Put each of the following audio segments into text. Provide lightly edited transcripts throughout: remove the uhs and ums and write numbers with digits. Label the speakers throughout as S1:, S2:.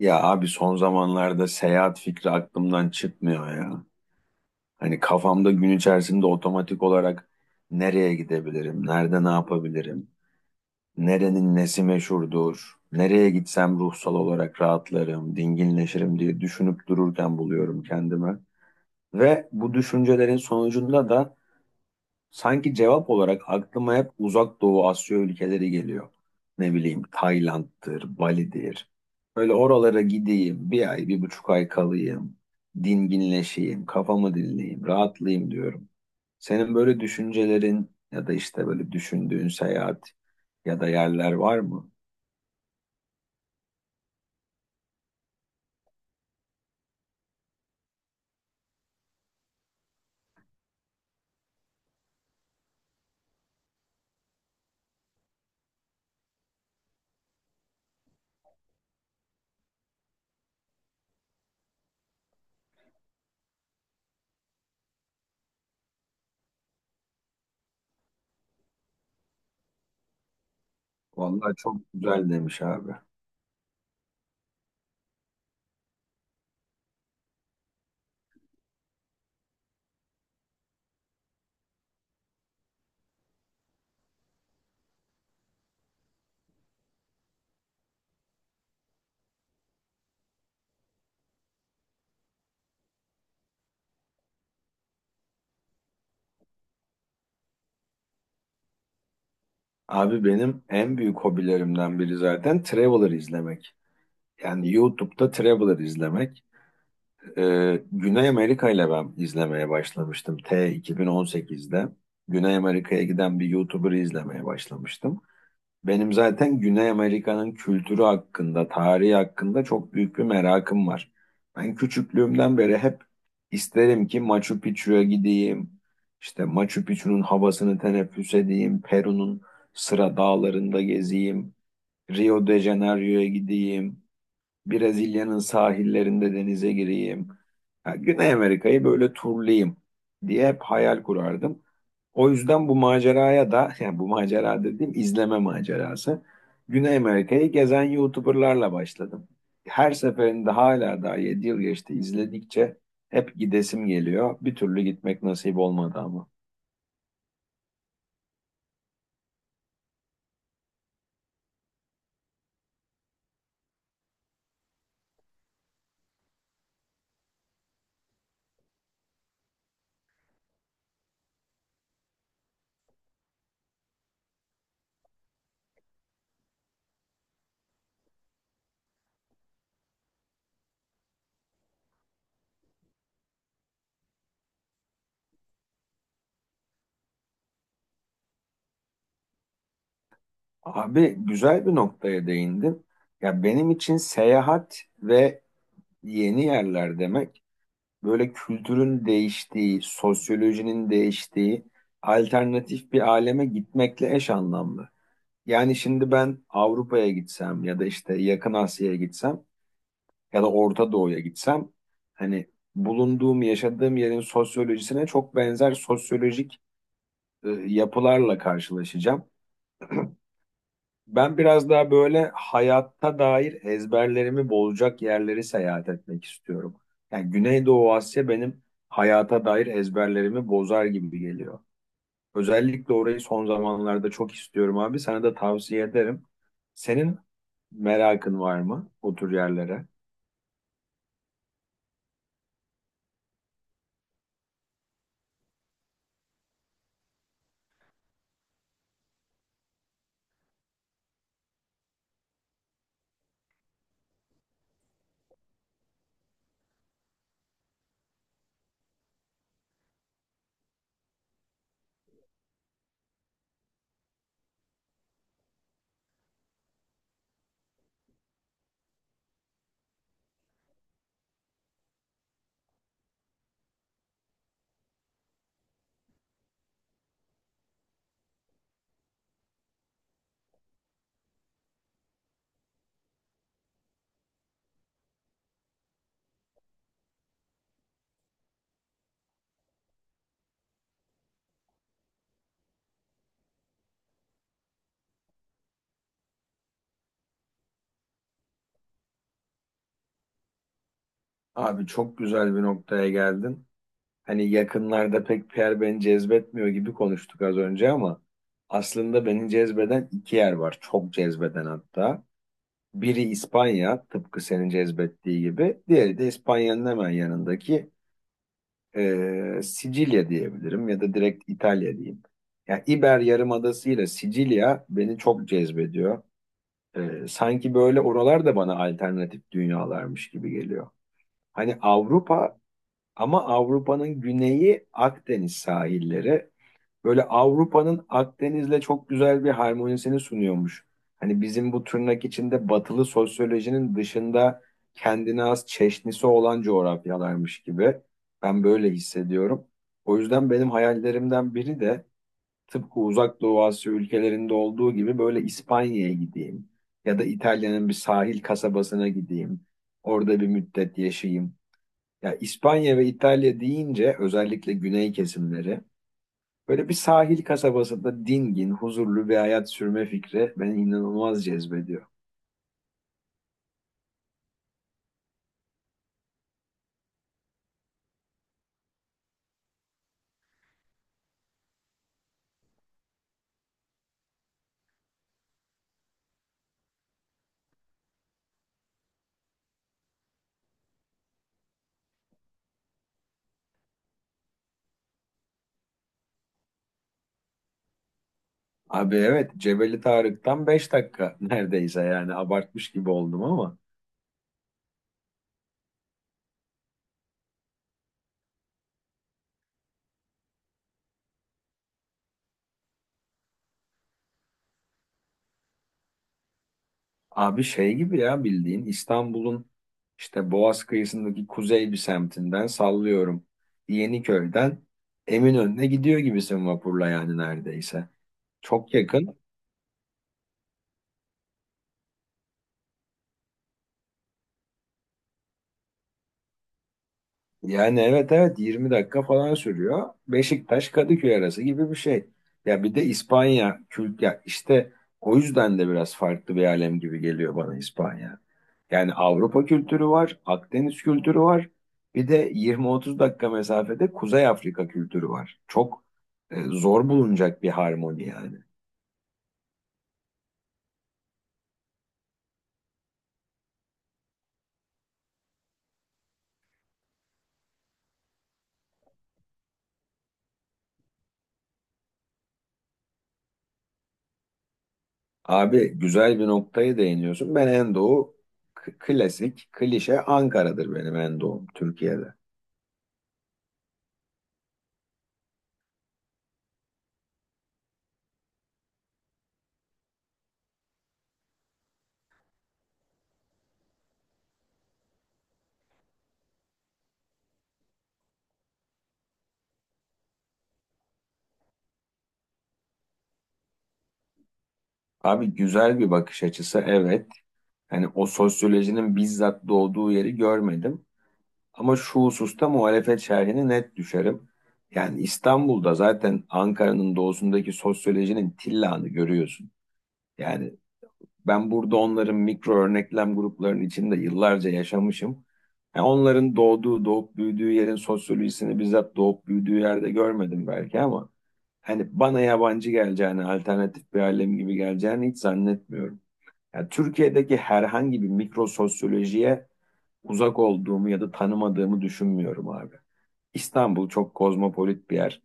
S1: Ya abi son zamanlarda seyahat fikri aklımdan çıkmıyor ya. Hani kafamda gün içerisinde otomatik olarak nereye gidebilirim, nerede ne yapabilirim, nerenin nesi meşhurdur, nereye gitsem ruhsal olarak rahatlarım, dinginleşirim diye düşünüp dururken buluyorum kendime. Ve bu düşüncelerin sonucunda da sanki cevap olarak aklıma hep Uzak Doğu Asya ülkeleri geliyor. Ne bileyim Tayland'dır, Bali'dir. Böyle oralara gideyim, bir ay, bir buçuk ay kalayım, dinginleşeyim, kafamı dinleyeyim, rahatlayayım diyorum. Senin böyle düşüncelerin ya da işte böyle düşündüğün seyahat ya da yerler var mı? Vallahi çok güzel demiş abi. Abi benim en büyük hobilerimden biri zaten Traveler izlemek. Yani YouTube'da Traveler izlemek. Güney Amerika ile ben izlemeye başlamıştım. 2018'de Güney Amerika'ya giden bir YouTuber'ı izlemeye başlamıştım. Benim zaten Güney Amerika'nın kültürü hakkında, tarihi hakkında çok büyük bir merakım var. Ben küçüklüğümden beri hep isterim ki Machu Picchu'ya gideyim, işte Machu Picchu'nun havasını teneffüs edeyim, Peru'nun Sıra Dağları'nda gezeyim, Rio de Janeiro'ya gideyim. Brezilya'nın sahillerinde denize gireyim. Ha, Güney Amerika'yı böyle turlayayım diye hep hayal kurardım. O yüzden bu maceraya da, yani bu macera dediğim izleme macerası. Güney Amerika'yı gezen YouTuber'larla başladım. Her seferinde hala daha 7 yıl geçti izledikçe hep gidesim geliyor. Bir türlü gitmek nasip olmadı ama. Abi güzel bir noktaya değindin. Ya benim için seyahat ve yeni yerler demek böyle kültürün değiştiği, sosyolojinin değiştiği alternatif bir aleme gitmekle eş anlamlı. Yani şimdi ben Avrupa'ya gitsem ya da işte Yakın Asya'ya gitsem ya da Orta Doğu'ya gitsem hani bulunduğum, yaşadığım yerin sosyolojisine çok benzer sosyolojik yapılarla karşılaşacağım. Ben biraz daha böyle hayatta dair ezberlerimi bozacak yerleri seyahat etmek istiyorum. Yani Güneydoğu Asya benim hayata dair ezberlerimi bozar gibi geliyor. Özellikle orayı son zamanlarda çok istiyorum abi. Sana da tavsiye ederim. Senin merakın var mı o tür yerlere? Abi çok güzel bir noktaya geldin. Hani yakınlarda pek bir yer beni cezbetmiyor gibi konuştuk az önce ama aslında beni cezbeden iki yer var. Çok cezbeden hatta. Biri İspanya, tıpkı senin cezbettiği gibi. Diğeri de İspanya'nın hemen yanındaki Sicilya diyebilirim ya da direkt İtalya diyeyim. Yani İber Yarımadası ile Sicilya beni çok cezbediyor. Sanki böyle oralar da bana alternatif dünyalarmış gibi geliyor. Hani Avrupa, ama Avrupa'nın güneyi, Akdeniz sahilleri, böyle Avrupa'nın Akdeniz'le çok güzel bir harmonisini sunuyormuş. Hani bizim bu tırnak içinde batılı sosyolojinin dışında kendine has çeşnisi olan coğrafyalarmış gibi. Ben böyle hissediyorum. O yüzden benim hayallerimden biri de tıpkı Uzak Doğu Asya ülkelerinde olduğu gibi böyle İspanya'ya gideyim ya da İtalya'nın bir sahil kasabasına gideyim. Orada bir müddet yaşayayım. Ya İspanya ve İtalya deyince özellikle güney kesimleri, böyle bir sahil kasabasında dingin, huzurlu bir hayat sürme fikri beni inanılmaz cezbediyor. Abi evet, Cebeli Tarık'tan 5 dakika neredeyse, yani abartmış gibi oldum ama abi şey gibi ya, bildiğin İstanbul'un işte Boğaz kıyısındaki kuzey bir semtinden, sallıyorum Yeniköy'den Eminönü'ne gidiyor gibisin vapurla yani neredeyse. Çok yakın. Yani evet evet 20 dakika falan sürüyor. Beşiktaş Kadıköy arası gibi bir şey. Ya bir de İspanya kült ya işte, o yüzden de biraz farklı bir alem gibi geliyor bana İspanya. Yani Avrupa kültürü var, Akdeniz kültürü var. Bir de 20-30 dakika mesafede Kuzey Afrika kültürü var. Çok zor bulunacak bir harmoni yani. Abi güzel bir noktayı değiniyorsun. Ben en doğu klasik, klişe Ankara'dır benim en doğum Türkiye'de. Abi güzel bir bakış açısı, evet. Hani o sosyolojinin bizzat doğduğu yeri görmedim. Ama şu hususta muhalefet şerhine net düşerim. Yani İstanbul'da zaten Ankara'nın doğusundaki sosyolojinin tillanı görüyorsun. Yani ben burada onların mikro örneklem gruplarının içinde yıllarca yaşamışım. Yani onların doğduğu, doğup büyüdüğü yerin sosyolojisini bizzat doğup büyüdüğü yerde görmedim belki ama hani bana yabancı geleceğini, alternatif bir alem gibi geleceğini hiç zannetmiyorum. Yani Türkiye'deki herhangi bir mikrososyolojiye uzak olduğumu ya da tanımadığımı düşünmüyorum abi. İstanbul çok kozmopolit bir yer.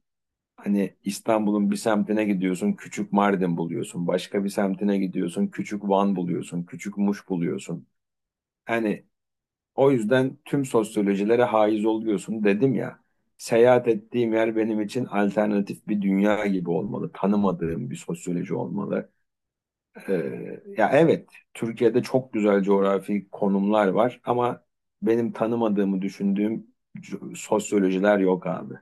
S1: Hani İstanbul'un bir semtine gidiyorsun, küçük Mardin buluyorsun. Başka bir semtine gidiyorsun, küçük Van buluyorsun, küçük Muş buluyorsun. Hani o yüzden tüm sosyolojilere haiz oluyorsun dedim ya. Seyahat ettiğim yer benim için alternatif bir dünya gibi olmalı. Tanımadığım bir sosyoloji olmalı. Ya evet, Türkiye'de çok güzel coğrafi konumlar var ama benim tanımadığımı düşündüğüm sosyolojiler yok abi.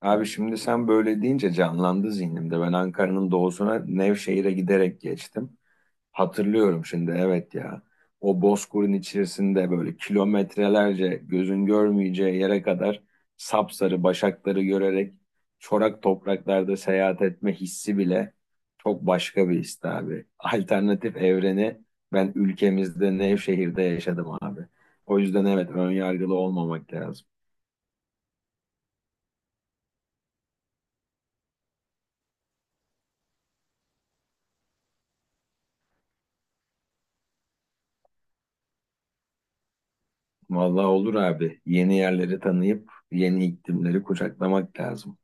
S1: Abi şimdi sen böyle deyince canlandı zihnimde. Ben Ankara'nın doğusuna Nevşehir'e giderek geçtim. Hatırlıyorum şimdi, evet ya. O bozkırın içerisinde böyle kilometrelerce gözün görmeyeceği yere kadar sapsarı başakları görerek çorak topraklarda seyahat etme hissi bile çok başka bir his abi. Alternatif evreni ben ülkemizde Nevşehir'de yaşadım abi. O yüzden evet, ön yargılı olmamak lazım. Vallahi olur abi. Yeni yerleri tanıyıp yeni iklimleri kucaklamak lazım.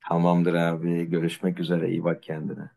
S1: Tamamdır abi. Görüşmek üzere. İyi bak kendine.